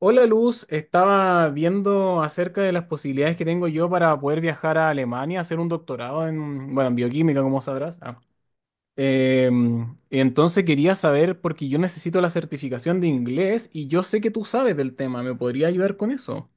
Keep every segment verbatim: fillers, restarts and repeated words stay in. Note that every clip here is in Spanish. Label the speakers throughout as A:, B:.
A: Hola Luz, estaba viendo acerca de las posibilidades que tengo yo para poder viajar a Alemania, a hacer un doctorado en, bueno, en bioquímica, como sabrás. Ah. Em, entonces quería saber, porque yo necesito la certificación de inglés y yo sé que tú sabes del tema, ¿me podría ayudar con eso?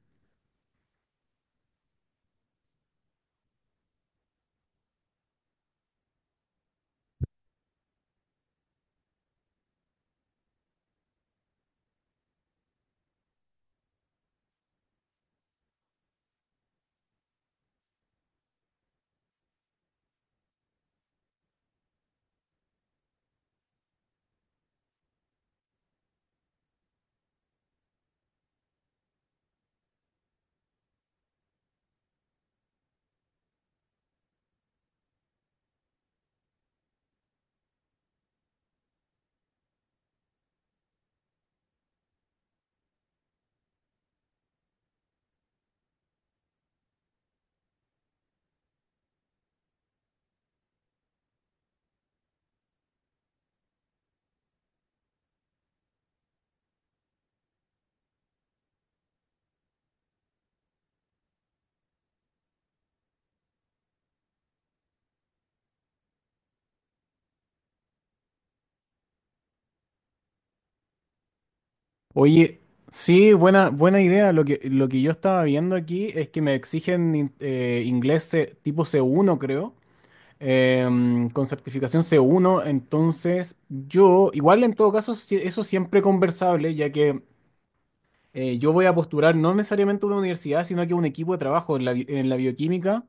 A: Oye, sí, buena, buena idea. Lo que, lo que yo estaba viendo aquí es que me exigen in- eh, inglés eh, tipo C uno, creo. Em, con certificación c uno, entonces yo, igual en todo caso, si- eso siempre conversable, ya que eh, yo voy a postular no necesariamente a una universidad, sino que a un equipo de trabajo en la, bi- en la bioquímica.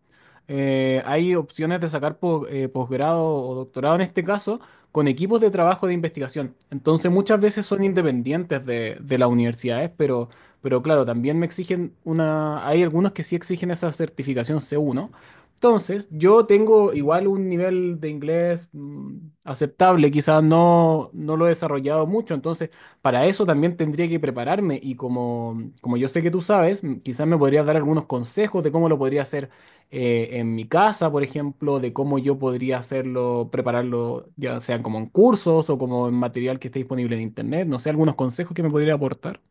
A: eh, Hay opciones de sacar po- eh, posgrado o doctorado en este caso con equipos de trabajo de investigación. Entonces muchas veces son independientes de, de las universidades, pero, pero claro, también me exigen una... Hay algunos que sí exigen esa certificación C uno. Entonces, yo tengo igual un nivel de inglés mm, aceptable, quizás no, no lo he desarrollado mucho, entonces para eso también tendría que prepararme y como, como yo sé que tú sabes, m- quizás me podrías dar algunos consejos de cómo lo podría hacer eh, en mi casa, por ejemplo, de cómo yo podría hacerlo, prepararlo, ya sean como en cursos o como en material que esté disponible en internet, no sé, algunos consejos que me podría aportar.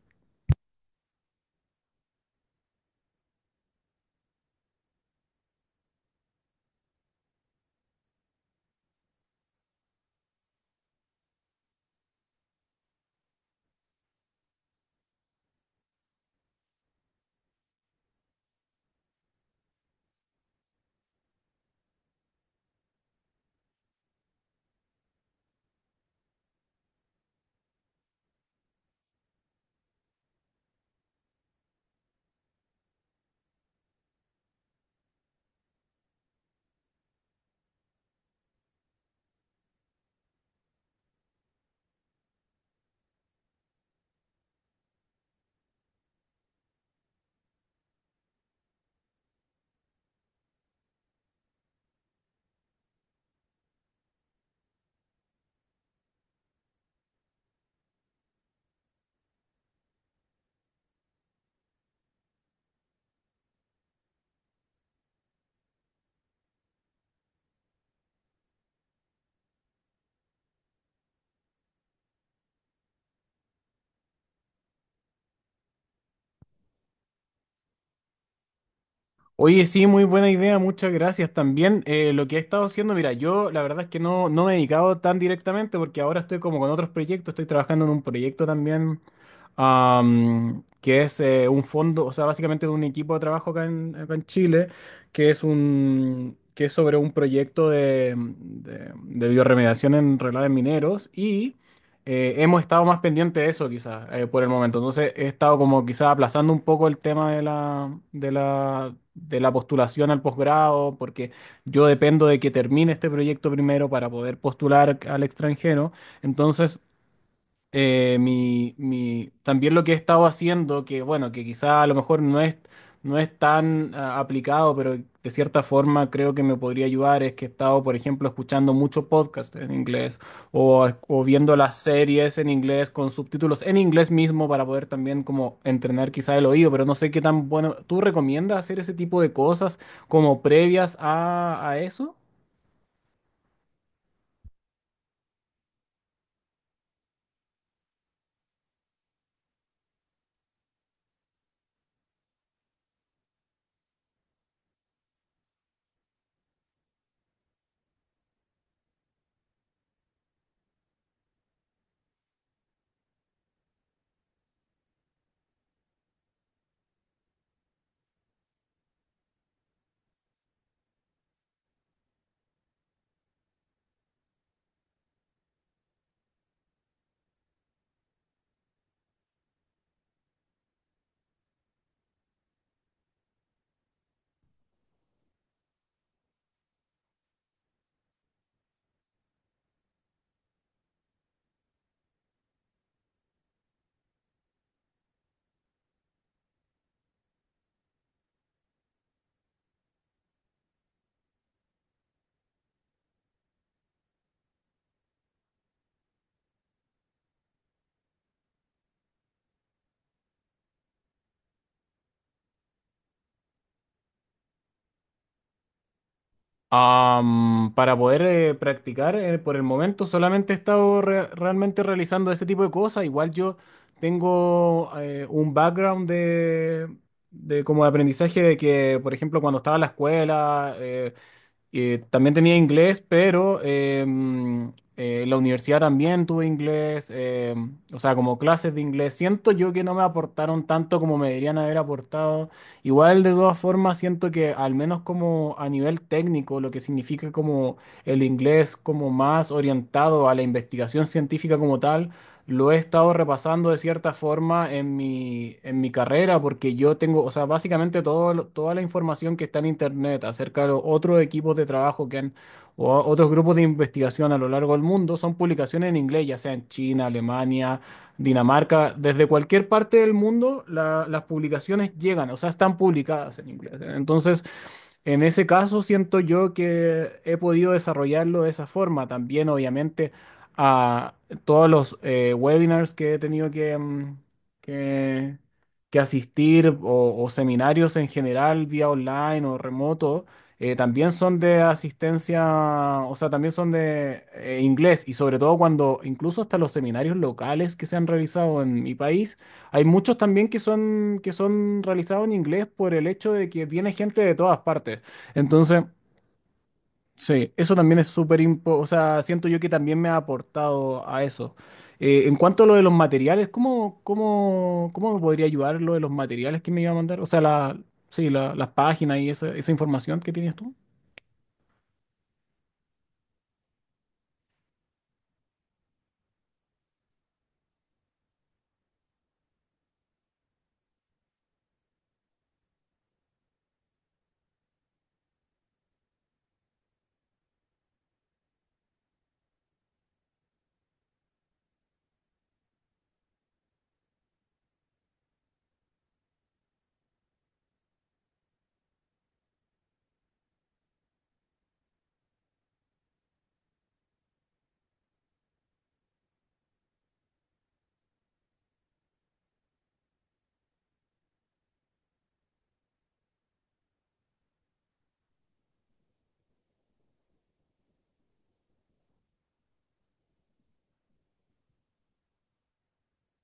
A: Oye, sí, muy buena idea, muchas gracias. También eh, lo que he estado haciendo, mira, yo la verdad es que no, no me he dedicado tan directamente porque ahora estoy como con otros proyectos, estoy trabajando en un proyecto también am, que es eh, un fondo, o sea, básicamente de un equipo de trabajo acá en, acá en Chile, que es un, que es sobre un proyecto de, de, de biorremediación en relaves mineros y eh, hemos estado más pendientes de eso quizás eh, por el momento. Entonces he estado como quizás aplazando un poco el tema de la, de la, de la postulación al posgrado, porque yo dependo de que termine este proyecto primero para poder postular al extranjero. Entonces eh, mi, mi- también lo que he estado haciendo, que bueno, que quizá a lo mejor no es, no es tan ah, aplicado, pero de cierta forma creo que me podría ayudar, es que he estado, por ejemplo, escuchando mucho podcast en inglés o, o viendo las series en inglés con subtítulos en inglés mismo para poder también como entrenar quizá el oído, pero no sé qué tan bueno. ¿Tú recomiendas hacer ese tipo de cosas como previas a, a eso? Am, para poder eh, practicar, eh, por el momento solamente he estado re- realmente realizando ese tipo de cosas. Igual yo tengo eh, un background de, de como de aprendizaje de que, por ejemplo, cuando estaba en la escuela, eh, eh, también tenía inglés, pero em, eh, en la universidad también tuve inglés, em, o sea, como clases de inglés. Siento yo que no me aportaron tanto como me deberían haber aportado. Igual, de todas formas, siento que al menos como a nivel técnico, lo que significa como el inglés como más orientado a la investigación científica como tal, lo he estado repasando de cierta forma en mi, en mi carrera, porque yo tengo, o sea, básicamente todo, lo- toda la información que está en Internet acerca de los otros equipos de trabajo que han, o a- otros grupos de investigación a lo largo del mundo, son publicaciones en inglés, ya sea en China, Alemania, Dinamarca, desde cualquier parte del mundo, la- las publicaciones llegan, o sea, están publicadas en inglés. Entonces, en ese caso, siento yo que he podido desarrollarlo de esa forma. También, obviamente, a todos los eh, webinars que he tenido que, mm, que, que asistir o, o seminarios en general, vía online o remoto, eh, también son de asistencia, o sea, también son de eh, inglés y sobre todo cuando incluso hasta los seminarios locales que se han realizado en mi país hay muchos también que son, que son realizados en inglés por el hecho de que viene gente de todas partes. Entonces, sí, eso también es súper importante. O sea, siento yo que también me ha aportado a eso. Eh, en cuanto a lo de los materiales, ¿cómo, cómo, cómo me podría ayudar lo de los materiales que me iba a mandar? O sea, la, sí, la- las páginas y esa, esa información que tienes tú.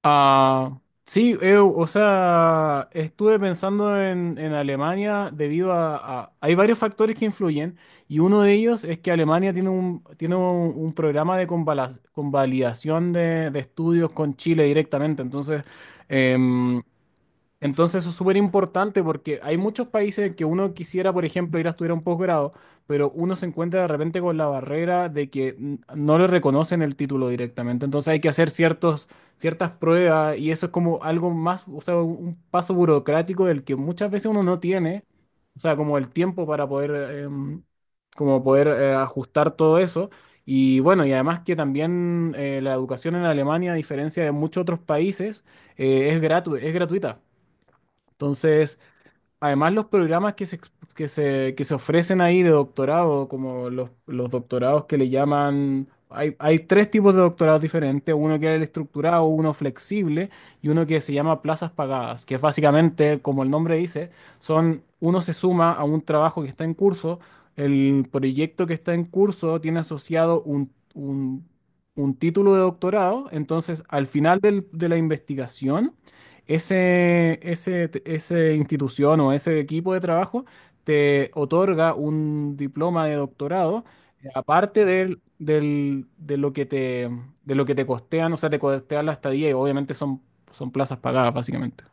A: Ah, sí, eu, o sea, estuve pensando en, en Alemania debido a, a- Hay varios factores que influyen y uno de ellos es que Alemania tiene un, tiene un, un programa de convala- convalidación de, de estudios con Chile directamente. Entonces, em, entonces eso es súper importante porque hay muchos países que uno quisiera, por ejemplo, ir a estudiar un posgrado, pero uno se encuentra de repente con la barrera de que n- no le reconocen el título directamente. Entonces hay que hacer ciertos, ciertas pruebas y eso es como algo más, o sea, un un paso burocrático del que muchas veces uno no tiene, o sea, como el tiempo para poder, em, como poder eh, ajustar todo eso. Y bueno, y además que también eh, la educación en Alemania, a diferencia de muchos otros países, eh, es gratu- es gratuita. Entonces, además los programas que se, ex- que se, que se ofrecen ahí de doctorado, como los, los doctorados que le llaman, hay, hay tres tipos de doctorados diferentes, uno que es el estructurado, uno flexible y uno que se llama plazas pagadas, que básicamente, como el nombre dice, son, uno se suma a un trabajo que está en curso, el proyecto que está en curso tiene asociado un... un un título de doctorado, entonces al final del- de la investigación ese, ese, ese institución o ese equipo de trabajo te otorga un diploma de doctorado, eh, aparte del, del- de lo que te, de lo que te costean, o sea, te costean la estadía y obviamente son, son plazas pagadas, básicamente.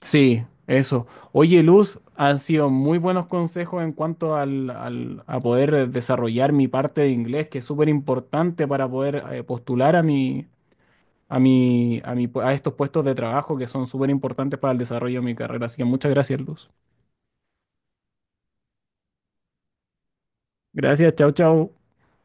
A: Sí, eso. Oye, Luz, han sido muy buenos consejos en cuanto al, al- a poder desarrollar mi parte de inglés, que es súper importante para poder eh, postular a mi, a mi, a mi, a estos puestos de trabajo que son súper importantes para el desarrollo de mi carrera. Así que muchas gracias, Luz. Gracias, chao, chao.